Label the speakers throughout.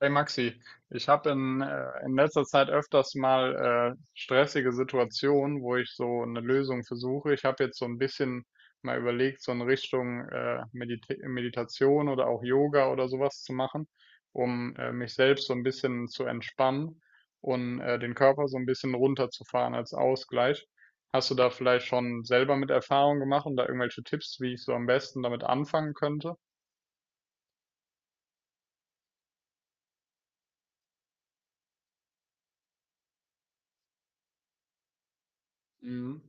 Speaker 1: Hey Maxi, ich habe in letzter Zeit öfters mal stressige Situationen, wo ich so eine Lösung versuche. Ich habe jetzt so ein bisschen mal überlegt, so in Richtung Meditation oder auch Yoga oder sowas zu machen, um mich selbst so ein bisschen zu entspannen und den Körper so ein bisschen runterzufahren als Ausgleich. Hast du da vielleicht schon selber mit Erfahrung gemacht und da irgendwelche Tipps, wie ich so am besten damit anfangen könnte? Mhm.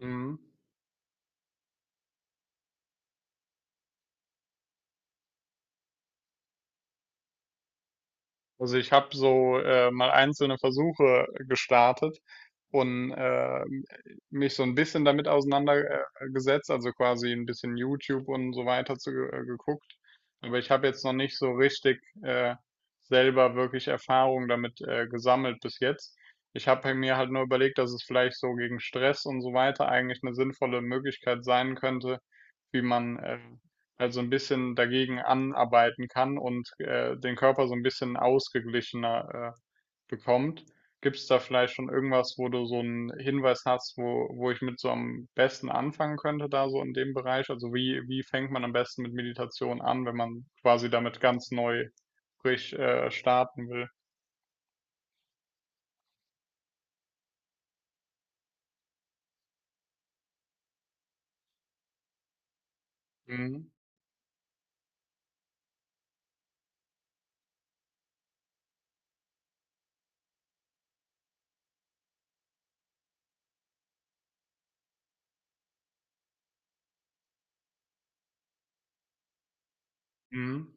Speaker 1: Mhm. Also ich habe so mal einzelne Versuche gestartet und mich so ein bisschen damit auseinandergesetzt, also quasi ein bisschen YouTube und so weiter geguckt. Aber ich habe jetzt noch nicht so richtig selber wirklich Erfahrung damit gesammelt bis jetzt. Ich habe halt mir halt nur überlegt, dass es vielleicht so gegen Stress und so weiter eigentlich eine sinnvolle Möglichkeit sein könnte, wie man also ein bisschen dagegen anarbeiten kann und den Körper so ein bisschen ausgeglichener bekommt. Gibt es da vielleicht schon irgendwas, wo du so einen Hinweis hast, wo ich mit so am besten anfangen könnte, da so in dem Bereich? Also wie fängt man am besten mit Meditation an, wenn man quasi damit ganz neu frisch starten will? Mhm. Mhm.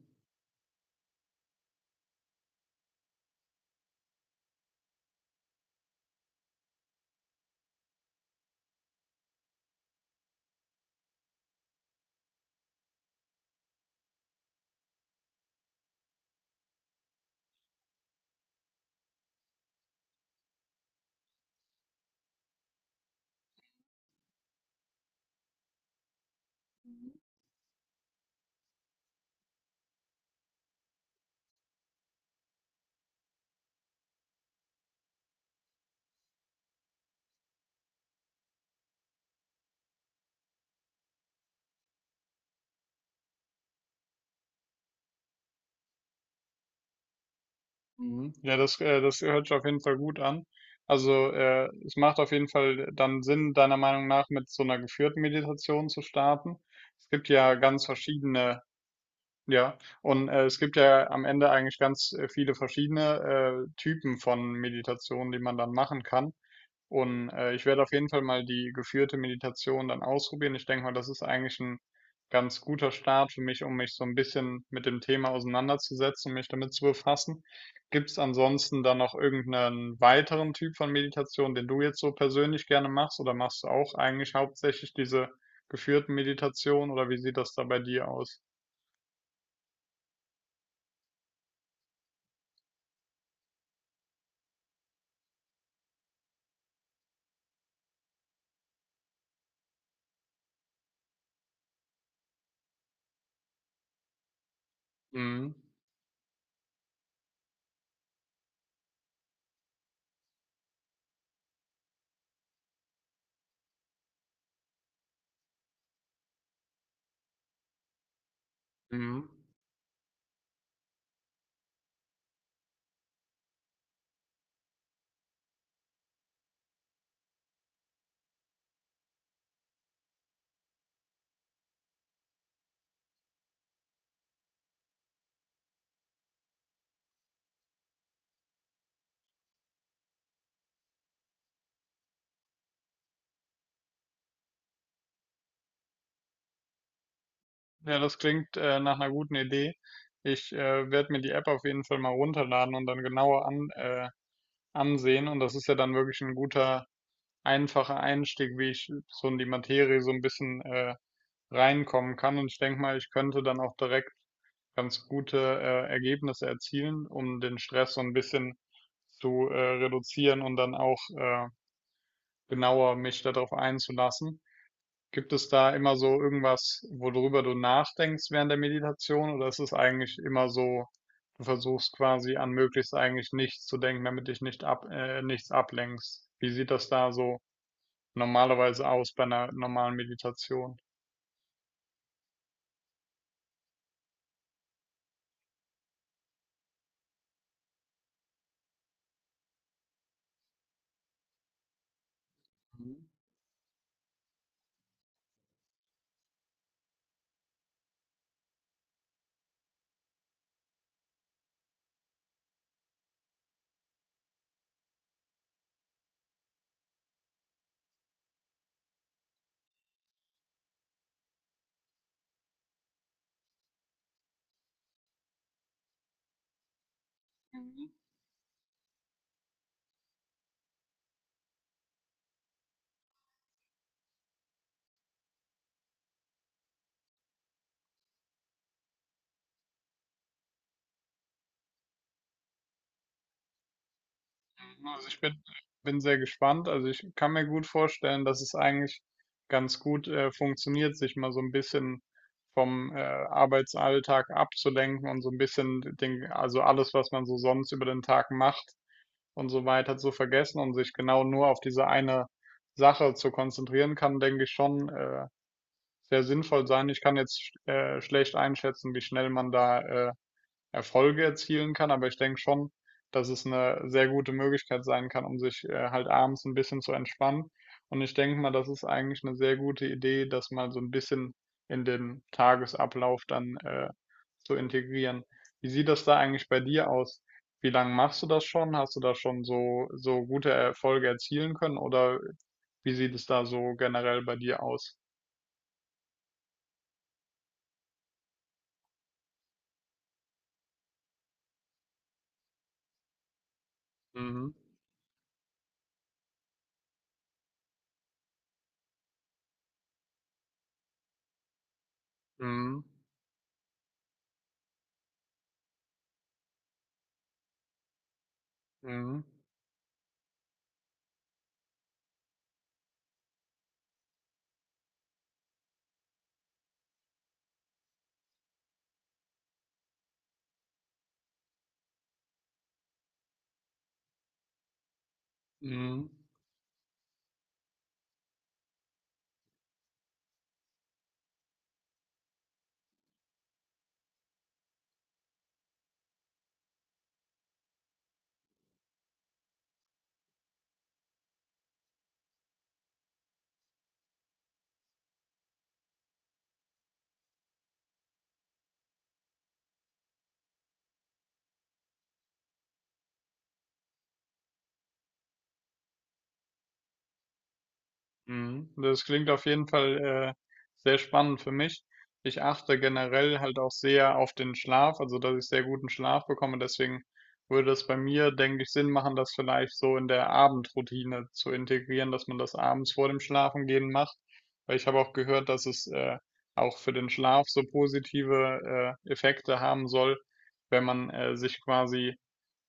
Speaker 1: Mhm. Ja, das hört sich auf jeden Fall gut an. Also, es macht auf jeden Fall dann Sinn, deiner Meinung nach mit so einer geführten Meditation zu starten. Es gibt ja ganz verschiedene, ja, und es gibt ja am Ende eigentlich ganz viele verschiedene Typen von Meditationen, die man dann machen kann. Und ich werde auf jeden Fall mal die geführte Meditation dann ausprobieren. Ich denke mal, das ist eigentlich ein ganz guter Start für mich, um mich so ein bisschen mit dem Thema auseinanderzusetzen und mich damit zu befassen. Gibt es ansonsten dann noch irgendeinen weiteren Typ von Meditation, den du jetzt so persönlich gerne machst, oder machst du auch eigentlich hauptsächlich diese geführten Meditationen, oder wie sieht das da bei dir aus? Mhm. Mhm. Ja, das klingt nach einer guten Idee. Ich werde mir die App auf jeden Fall mal runterladen und dann genauer ansehen. Und das ist ja dann wirklich ein guter, einfacher Einstieg, wie ich so in die Materie so ein bisschen reinkommen kann. Und ich denke mal, ich könnte dann auch direkt ganz gute Ergebnisse erzielen, um den Stress so ein bisschen zu reduzieren und dann auch genauer mich darauf einzulassen. Gibt es da immer so irgendwas, worüber du nachdenkst während der Meditation, oder ist es eigentlich immer so, du versuchst quasi an möglichst eigentlich nichts zu denken, damit dich nichts ablenkst? Wie sieht das da so normalerweise aus bei einer normalen Meditation? Mhm. Mhm, also bin sehr gespannt. Also ich kann mir gut vorstellen, dass es eigentlich ganz gut funktioniert, sich mal so ein bisschen vom Arbeitsalltag abzulenken und so ein bisschen den, also alles, was man so sonst über den Tag macht und so weiter zu vergessen und sich genau nur auf diese eine Sache zu konzentrieren, kann, denke ich, schon sehr sinnvoll sein. Ich kann jetzt schlecht einschätzen, wie schnell man da Erfolge erzielen kann, aber ich denke schon, dass es eine sehr gute Möglichkeit sein kann, um sich halt abends ein bisschen zu entspannen. Und ich denke mal, das ist eigentlich eine sehr gute Idee, das mal so ein bisschen in den Tagesablauf dann zu integrieren. Wie sieht das da eigentlich bei dir aus? Wie lange machst du das schon? Hast du da schon so gute Erfolge erzielen können oder wie sieht es da so generell bei dir aus? Mhm. Mhm. Mhm. Mhm. Mhm. Das klingt auf jeden Fall äh, sehr spannend für mich. Ich achte generell halt auch sehr auf den Schlaf, also dass ich sehr guten Schlaf bekomme. Deswegen würde es bei mir, denke ich, Sinn machen, das vielleicht so in der Abendroutine zu integrieren, dass man das abends vor dem Schlafengehen macht. Weil ich habe auch gehört, dass es auch für den Schlaf so positive Effekte haben soll, wenn man sich quasi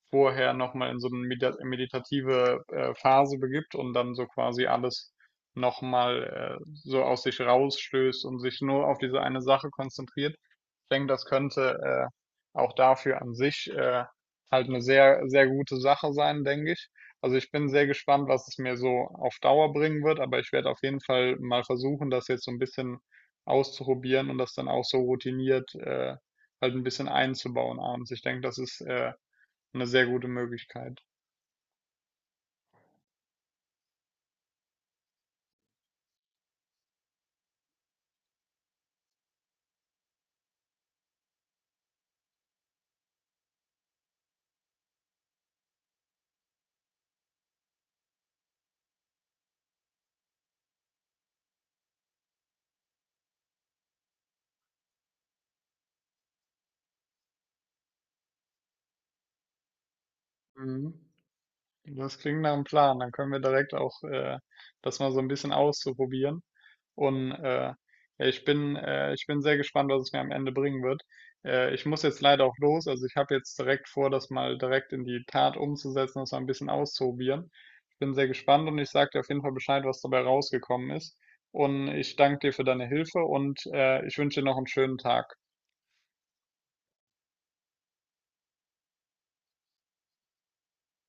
Speaker 1: vorher nochmal in so eine meda meditative, Phase begibt und dann so quasi alles nochmal so aus sich rausstößt und sich nur auf diese eine Sache konzentriert. Ich denke, das könnte auch dafür an sich halt eine sehr, sehr gute Sache sein, denke ich. Also, ich bin sehr gespannt, was es mir so auf Dauer bringen wird, aber ich werde auf jeden Fall mal versuchen, das jetzt so ein bisschen auszuprobieren und das dann auch so routiniert halt ein bisschen einzubauen abends. Ich denke, das ist eine sehr gute Möglichkeit. Mhm. Das klingt nach einem Plan. Dann können wir direkt auch das mal so ein bisschen ausprobieren. Und ja, ich bin sehr gespannt, was es mir am Ende bringen wird. Ich muss jetzt leider auch los. Also ich habe jetzt direkt vor, das mal direkt in die Tat umzusetzen, das mal ein bisschen auszuprobieren. Ich bin sehr gespannt und ich sage dir auf jeden Fall Bescheid, was dabei rausgekommen ist. Und ich danke dir für deine Hilfe und ich wünsche dir noch einen schönen Tag.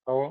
Speaker 1: Ciao.